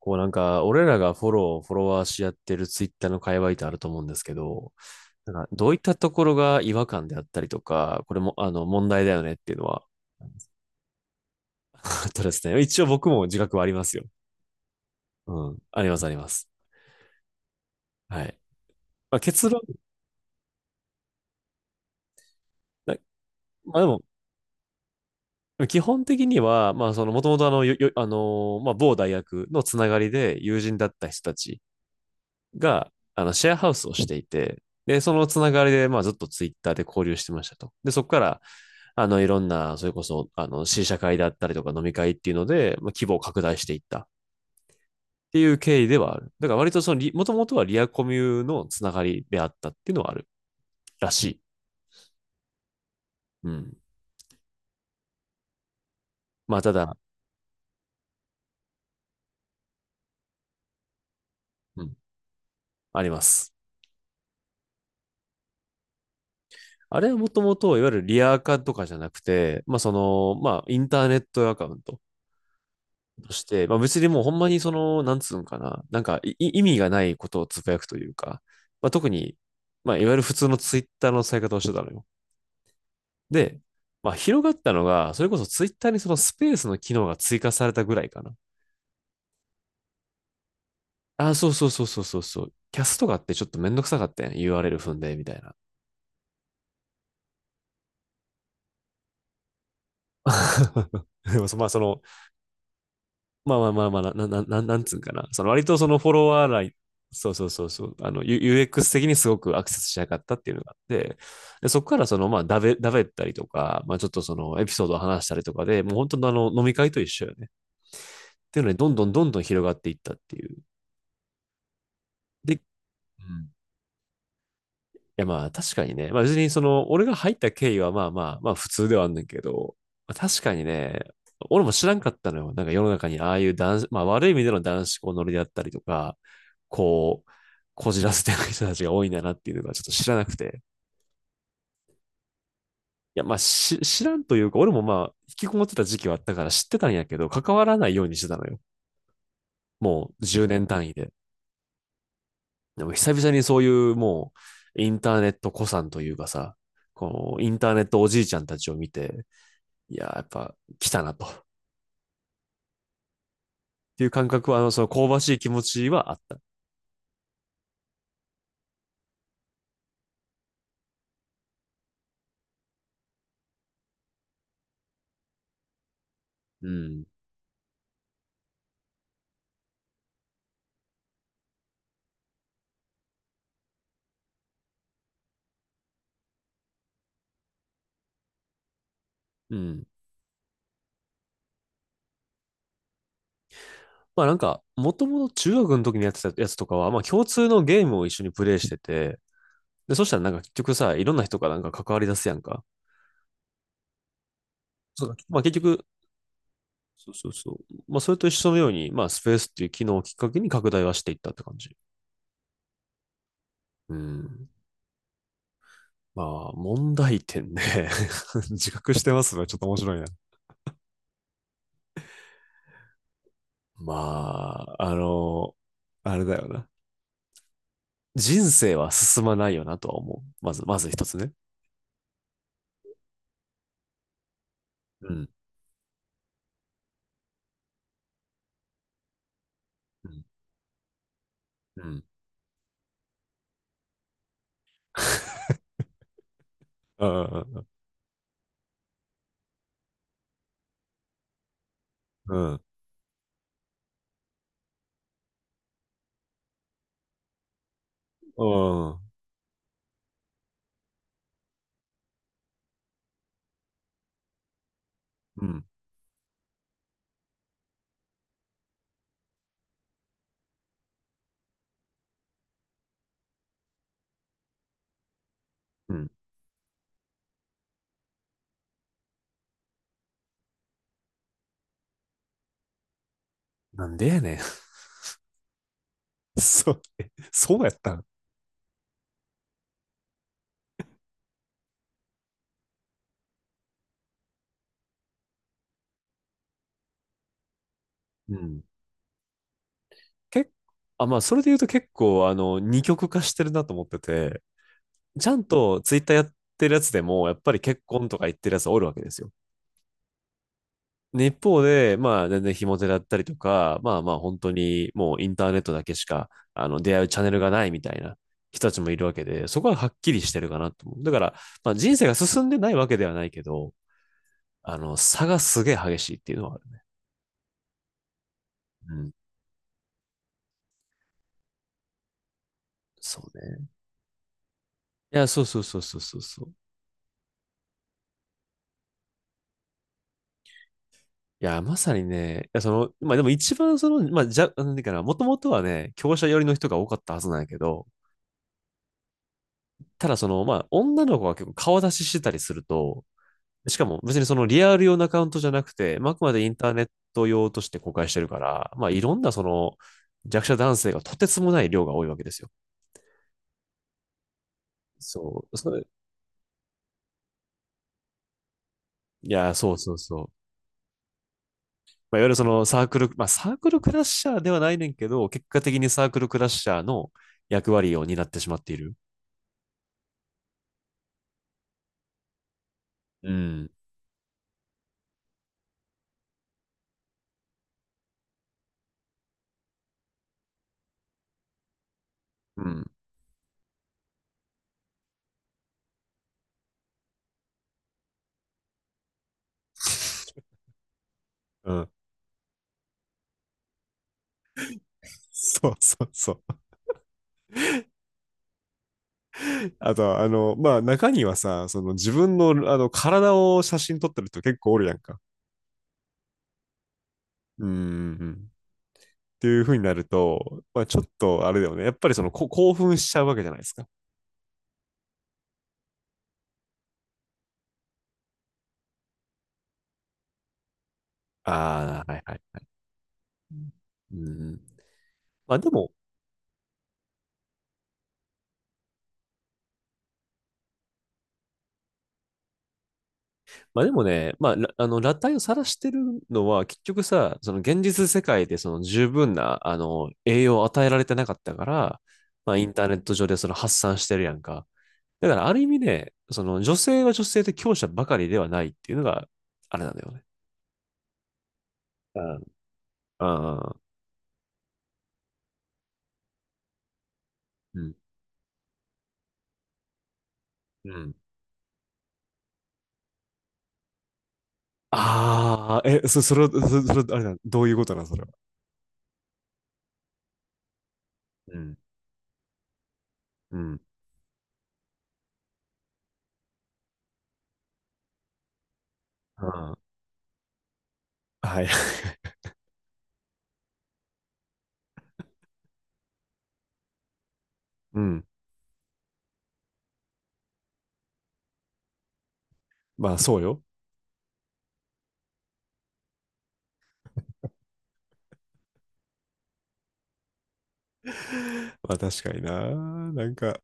こうなんか、俺らがフォロー、フォロワーし合ってるツイッターの界隈ってあると思うんですけど、なんかどういったところが違和感であったりとか、これも問題だよねっていうのは、あとですね、一応僕も自覚はありますよ。うん、ありますあります。はい。まあ、結論、なまあでも、基本的には、まあその、もともとあの、よよあのまあ某大学のつながりで友人だった人たちが、シェアハウスをしていて、で、そのつながりで、まあずっとツイッターで交流してましたと。で、そこから、いろんな、それこそ、試写会だったりとか飲み会っていうので、まあ、規模を拡大していったっていう経緯ではある。だから割とそのもともとはリアコミュのつながりであったっていうのはあるらしい。うん。まあ、ただ、うん、あります。あれはもともと、いわゆるリアカとかじゃなくて、まあインターネットアカウントとして、まあ別にもうほんまにその、なんか意味がないことをつぶやくというか、まあ特に、まあいわゆる普通のツイッターの使い方をしてたのよ。で、まあ、広がったのが、それこそツイッターにそのスペースの機能が追加されたぐらいかな。ああ、そうそうそうそうそうそう。キャストがあってちょっとめんどくさかったやん。URL 踏んで、みたいな。でもまあ、その、まあまあまあまあ、な、な、ななんつうんかな。その割とそのフォロワーライン、そうそうそうそう、あの、UX 的にすごくアクセスしなかったっていうのがあって、で、そこからその、まあ、だべったりとか、まあ、ちょっとその、エピソードを話したりとかで、もう本当の飲み会と一緒よね。っていうので、どんどんどんどん広がっていったっていう。で、うんいやまあ確かにね。まあ別にその、俺が入った経緯はまあまあ、まあ普通ではあんねんけど、まあ確かにね、俺も知らんかったのよ。なんか世の中にああいう男子、まあ悪い意味での男子校乗りであったりとか、こう、こじらせてる人たちが多いんだなっていうのがちょっと知らなくて。いやまあ知らんというか、俺もまあ引きこもってた時期はあったから知ってたんやけど、関わらないようにしてたのよ。もう10年単位で。でも久々にそういううインターネット子さんというかさ、このインターネットおじいちゃんたちを見て、いやー、やっぱ来たなと。っていう感覚は、その香ばしい気持ちはあった。うん。うん。まあなんか、もともと中学の時にやってたやつとかは、まあ共通のゲームを一緒にプレイしてて、で、そしたらなんか結局さ、いろんな人がなんか関わり出すやんか。そうだ。まあ結局、そうそうそう。まあそれと一緒のように、まあスペースっていう機能をきっかけに拡大はしていったって感じ。うん。まあ、問題点ね。自覚してますのちょっと面白いな。まあ、あれだよな。人生は進まないよなとは思う。まず、まず一つね。うん。うん。うん。うん。うん。うん。うん。うんなんでやねん。そう、そうやったん。うん。結あ、まあ、それで言うと結構、二極化してるなと思ってて、ちゃんとツイッターやってるやつでも、やっぱり結婚とか言ってるやつおるわけですよ。で一方で、まあ、全然ひも手だったりとか、まあまあ、本当にもうインターネットだけしか、出会うチャンネルがないみたいな人たちもいるわけで、そこははっきりしてるかなと思う。だから、まあ、人生が進んでないわけではないけど、差がすげえ激しいっていうのはある。うん。そうね。いや、そうそうそうそうそうそう。いや、まさにね、いや、その、まあでも一番その、まあ、じゃ、なんていうかな、もともとはね、強者寄りの人が多かったはずなんやけど、ただその、まあ、女の子が結構顔出ししてたりすると、しかも別にそのリアル用のアカウントじゃなくて、まああくまでインターネット用として公開してるから、まあいろんなその弱者男性がとてつもない量が多いわけですよ。そう。いや、そうそうそう。まあ、いわゆるそのサークル、まあサークルクラッシャーではないねんけど、結果的にサークルクラッシャーの役割を担ってしまっている。うん。うん。うん。そうそうそう。あと、まあ、中にはさ、その自分の、体を写真撮ってる人結構おるやんか。うん。っていう風になると、まあ、ちょっとあれだよね。やっぱりこ興奮しちゃうわけじゃないですか。ああ、はいはいはい。うん。まあでも、まあでもね、まあ、あの、裸体を晒してるのは、結局さ、その現実世界でその十分な、栄養を与えられてなかったから、まあインターネット上でその発散してるやんか。だからある意味ね、その女性は女性で強者ばかりではないっていうのが、あれなんだよね。うん。うん。うん。うん。ああ、それは、それは、あれだ、どういうことなの、それは。うん。うん。ああ、はい。うん。まあ、そうよ。まあ、確かにな。なんか、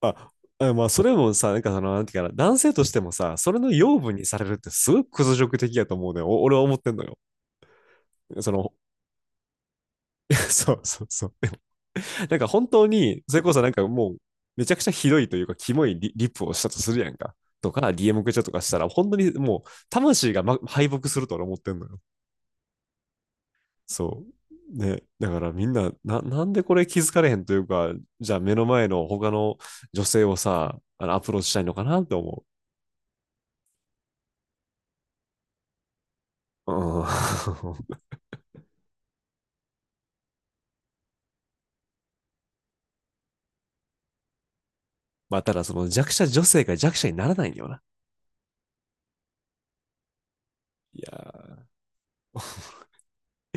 まあ、まあ、それもさ、なんかその、なんていうかな、男性としてもさ、それの養分にされるってすごく屈辱的やと思うのよ。俺は思ってんのよ。その、そうそうそう。なんか本当に、それこそなんかもう、めちゃくちゃひどいというか、キモいリ、リップをしたとするやんか。とか、DM くれちゃとかしたら、本当にもう、魂が、ま、敗北すると俺思ってんのよ。そう。ね。だからみんな、なんでこれ気づかれへんというか、じゃあ目の前の他の女性をさ、あのアプローチしたいのかなって思う。うん。まあ、ただその弱者女性が弱者にならないんだよな。いや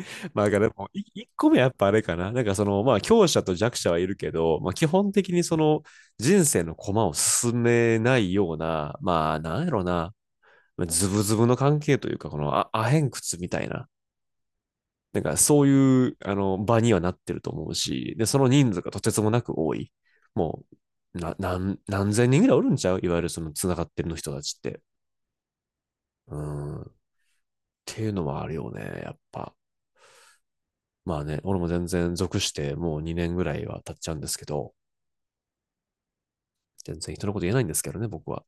ーまあ、だからでも、一個目はやっぱあれかな。なんかその、まあ、強者と弱者はいるけど、まあ、基本的にその、人生の駒を進めないような、まあ、なんやろな、まあズブズブの関係というか、のあアヘン窟みたいな、なんかそういうあの場にはなってると思うし、で、その人数がとてつもなく多い。もう、何千人ぐらいおるんちゃういわゆるその繋がってるの人たちって。うん。っていうのはあるよね、やっぱ。まあね、俺も全然属してもう2年ぐらいは経っちゃうんですけど、全然人のこと言えないんですけどね、僕は。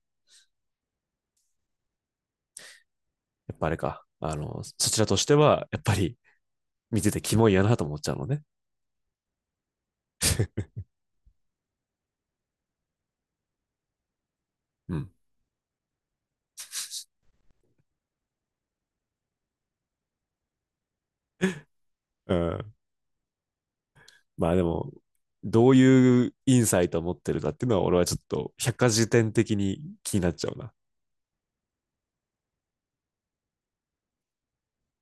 やっぱあれか。あの、そちらとしては、やっぱり見ててキモいやなと思っちゃうのね。うん。うん、まあでも、どういうインサイトを持ってるかっていうのは、俺はちょっと百科事典的に気になっちゃうな。